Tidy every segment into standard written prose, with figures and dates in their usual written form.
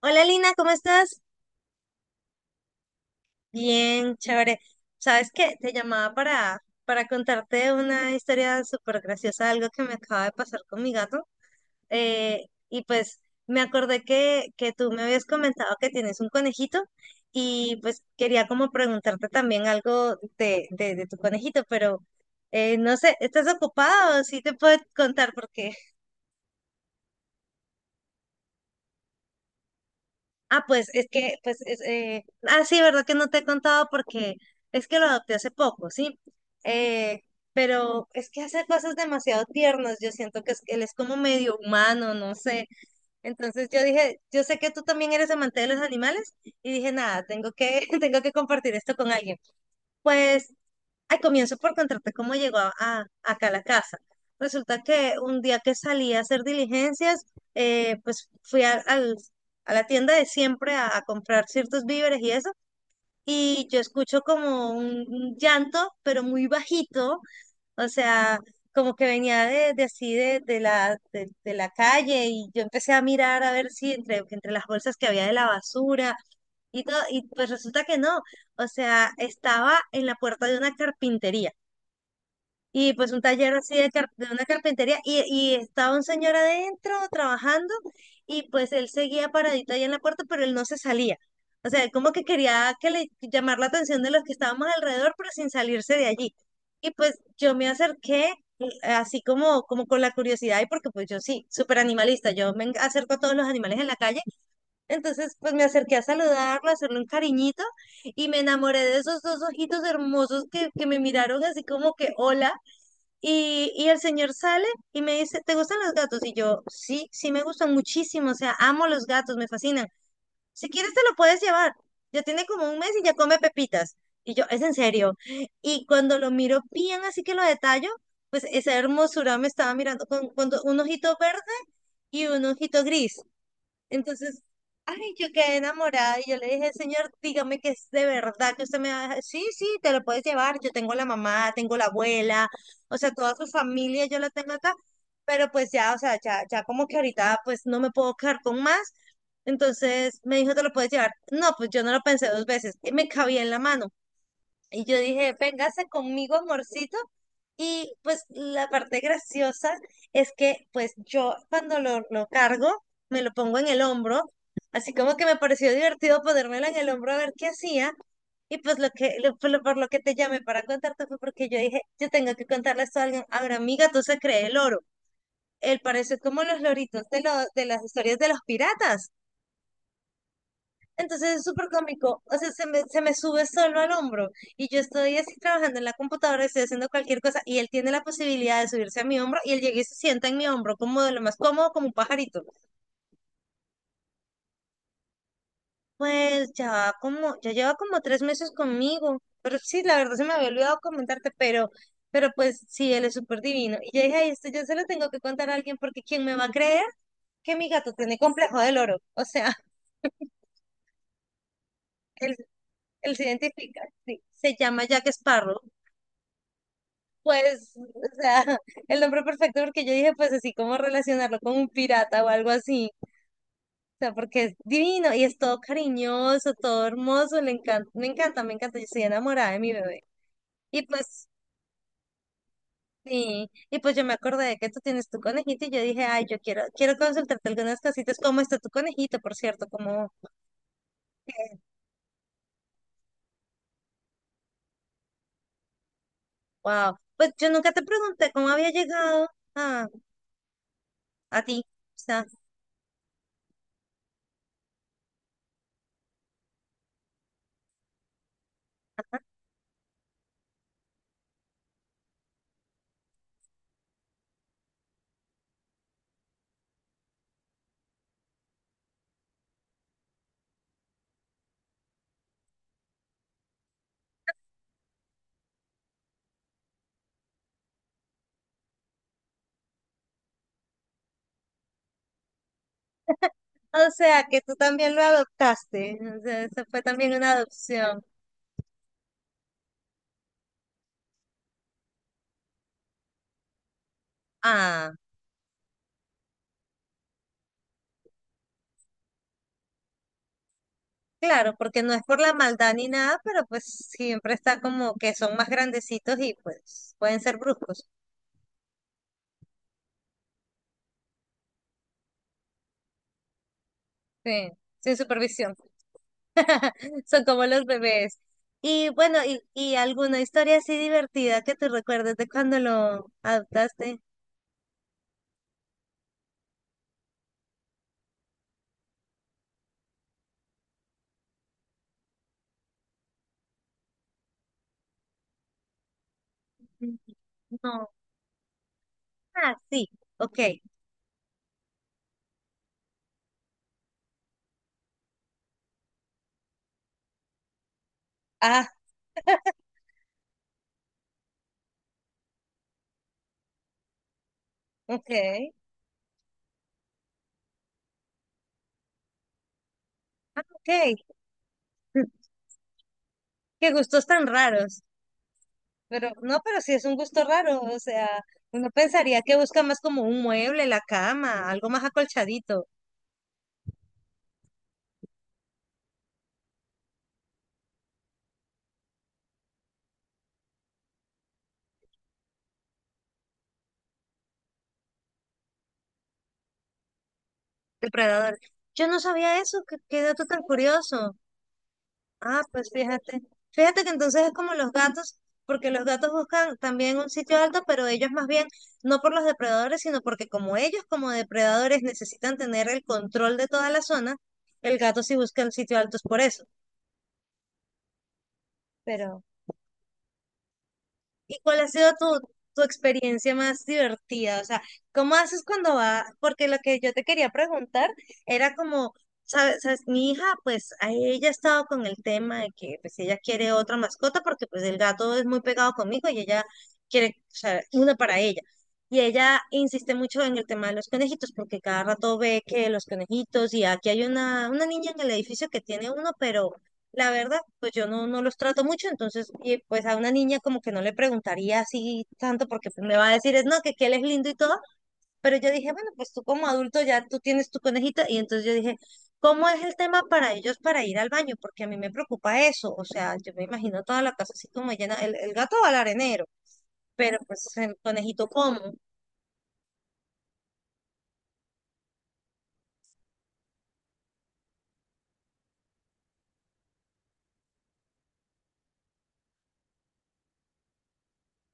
Hola Lina, ¿cómo estás? Bien, chévere. ¿Sabes qué? Te llamaba para contarte una historia súper graciosa, algo que me acaba de pasar con mi gato. Y pues me acordé que tú me habías comentado que tienes un conejito y pues quería como preguntarte también algo de tu conejito, pero no sé, ¿estás ocupado? Sí te puedo contar porque. Ah, pues es que, pues, sí, verdad que no te he contado porque es que lo adopté hace poco, ¿sí? Eh, pero es que hace cosas demasiado tiernas. Yo siento que él es como medio humano, no sé. Entonces yo dije, yo sé que tú también eres amante de los animales. Y dije, nada, tengo que, tengo que compartir esto con alguien. Pues, ay, comienzo por contarte cómo llegó acá a la casa. Resulta que un día que salí a hacer diligencias, pues fui a la tienda de siempre a comprar ciertos víveres y eso, y yo escucho como un llanto, pero muy bajito. O sea, como que venía de así de la calle, y yo empecé a mirar a ver si entre las bolsas que había de la basura y todo, y pues resulta que no, o sea, estaba en la puerta de una carpintería. Y pues un taller así de una carpintería, y estaba un señor adentro trabajando. Y pues él seguía paradito ahí en la puerta, pero él no se salía. O sea, él como que quería que le llamar la atención de los que estábamos alrededor, pero sin salirse de allí. Y pues yo me acerqué, así como con la curiosidad, y porque pues yo sí, súper animalista, yo acerco a todos los animales en la calle. Entonces pues me acerqué a saludarlo, a hacerle un cariñito, y me enamoré de esos dos ojitos hermosos que me miraron así como que hola. Y el señor sale y me dice, ¿te gustan los gatos? Y yo, sí, sí me gustan muchísimo. O sea, amo los gatos, me fascinan. Si quieres te lo puedes llevar. Ya tiene como un mes y ya come pepitas. Y yo, es en serio. Y cuando lo miro bien, así que lo detallo, pues esa hermosura me estaba mirando con un ojito verde y un ojito gris. Entonces, ay, yo quedé enamorada y yo le dije, señor, dígame que es de verdad que usted me va a dejar". Sí, sí, te lo puedes llevar. Yo tengo la mamá, tengo la abuela, o sea, toda su familia yo la tengo acá. Pero pues ya, o sea, ya como que ahorita pues no me puedo quedar con más. Entonces me dijo, te lo puedes llevar. No, pues yo no lo pensé dos veces. Y me cabía en la mano. Y yo dije, véngase conmigo, amorcito. Y pues la parte graciosa es que pues yo cuando lo cargo, me lo pongo en el hombro, así como que me pareció divertido ponérmelo en el hombro a ver qué hacía. Y pues lo que, lo- por lo por lo que te llamé para contarte fue porque yo dije, yo tengo que contarle esto a alguien. Ahora, amiga, tú se cree el oro. Él parece como los loritos de las historias de los piratas. Entonces es súper cómico. O sea, se me sube solo al hombro, y yo estoy así trabajando en la computadora, estoy haciendo cualquier cosa, y él tiene la posibilidad de subirse a mi hombro y él llega y se sienta en mi hombro como de lo más cómodo, como un pajarito. Pues ya va como, ya lleva como 3 meses conmigo, pero sí, la verdad se me había olvidado comentarte, pero pues sí, él es súper divino. Y yo dije, ay, esto yo se lo tengo que contar a alguien, porque ¿quién me va a creer que mi gato tiene complejo del oro? O sea, él, él se identifica. Sí, se llama Jack Sparrow. Pues, o sea, el nombre perfecto, porque yo dije, pues así como relacionarlo con un pirata o algo así. O sea, porque es divino y es todo cariñoso, todo hermoso, le encanta, me encanta, me encanta, yo estoy enamorada de mi bebé. Y pues, sí. Y pues yo me acordé de que tú tienes tu conejito, y yo dije, ay, yo quiero, quiero consultarte algunas cositas. ¿Cómo está tu conejito, por cierto? Cómo Wow. Pues yo nunca te pregunté cómo había llegado a, a ti. O sea, o sea, que tú también lo adoptaste. O sea, eso fue también una adopción. Ah, claro, porque no es por la maldad ni nada, pero pues siempre está como que son más grandecitos y pues pueden ser bruscos. Sí, sin supervisión. Son como los bebés. Y bueno, y alguna historia así divertida que te recuerdes de cuando lo adoptaste. No. Ah, sí. Ok. Ah, ok. Ah, ok. Qué gustos tan raros. Pero no, pero sí es un gusto raro. O sea, uno pensaría que busca más como un mueble, la cama, algo más acolchadito, depredador. Yo no sabía eso, qué dato tan curioso. Ah, pues fíjate. Fíjate que entonces es como los gatos, porque los gatos buscan también un sitio alto, pero ellos más bien no por los depredadores, sino porque como ellos como depredadores necesitan tener el control de toda la zona, el gato sí busca en sitios altos por eso. Pero. ¿Y cuál ha sido tu experiencia más divertida? O sea, ¿cómo haces cuando va? Porque lo que yo te quería preguntar era como, ¿Sabes? Mi hija, pues a ella ha estado con el tema de que pues ella quiere otra mascota, porque pues el gato es muy pegado conmigo, y ella quiere, o sea, una para ella. Y ella insiste mucho en el tema de los conejitos, porque cada rato ve que los conejitos, y aquí hay una niña en el edificio que tiene uno, pero la verdad, pues yo no los trato mucho, entonces, y pues a una niña como que no le preguntaría así tanto, porque pues me va a decir, es no, que él es lindo y todo, pero yo dije, bueno, pues tú como adulto ya tú tienes tu conejita. Y entonces yo dije, ¿cómo es el tema para ellos para ir al baño? Porque a mí me preocupa eso, o sea, yo me imagino toda la casa así como llena, el gato va al arenero, pero pues el conejito como,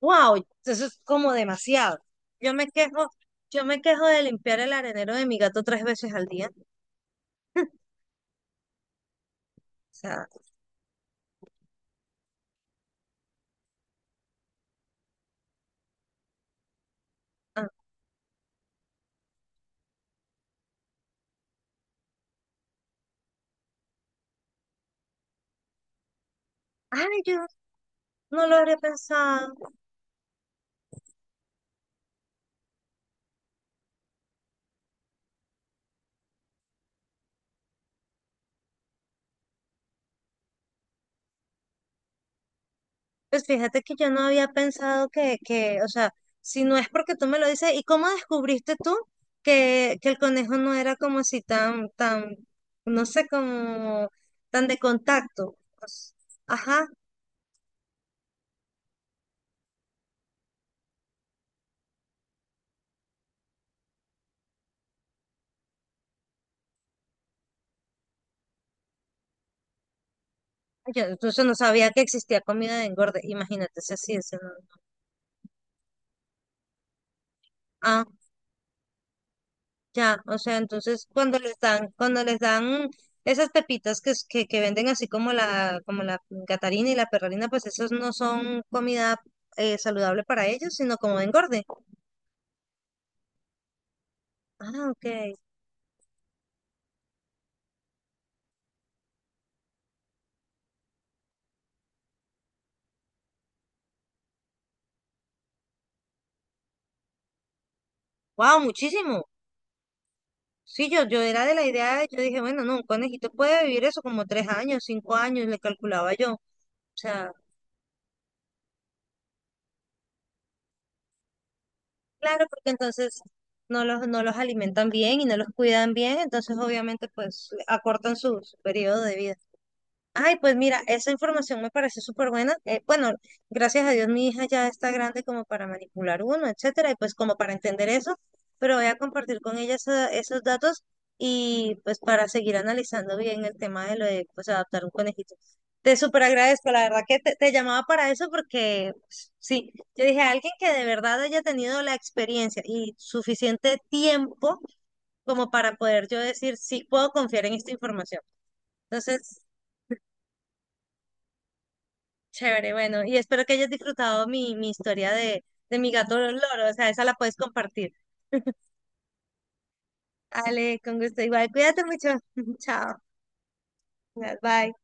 wow, eso es como demasiado. Yo me quejo, yo me quejo de limpiar el arenero de mi gato tres veces al día, o sea, ah, ay, yo no lo habría pensado. Pues fíjate que yo no había pensado que, o sea, si no es porque tú me lo dices, ¿y cómo descubriste tú que el conejo no era como así tan, tan, no sé, como tan de contacto? Pues, ajá, yo incluso no sabía que existía comida de engorde, imagínate si así es. ¿No? Ah, ya, o sea, entonces cuando les dan esas pepitas que venden así como como la Gatarina y la Perralina, pues esos no son comida, saludable para ellos, sino como engorde. Ah, ok. Wow, muchísimo. Sí, yo era de la idea, yo dije, bueno, no, un conejito puede vivir eso como 3 años, 5 años, le calculaba yo. O sea, claro, porque entonces no los alimentan bien y no los cuidan bien, entonces obviamente pues acortan su periodo de vida. Ay, pues mira, esa información me parece súper buena. Bueno, gracias a Dios mi hija ya está grande como para manipular uno, etcétera, y pues como para entender eso, pero voy a compartir con ella esos datos y pues para seguir analizando bien el tema de lo de pues adaptar un conejito. Te súper agradezco, la verdad que te llamaba para eso porque pues, sí, yo dije alguien que de verdad haya tenido la experiencia y suficiente tiempo como para poder yo decir sí puedo confiar en esta información. Entonces, chévere, bueno, y espero que hayas disfrutado mi historia de mi gato loro, o sea, esa la puedes compartir. Ale, con gusto igual. Cuídate mucho. Chao. Bye.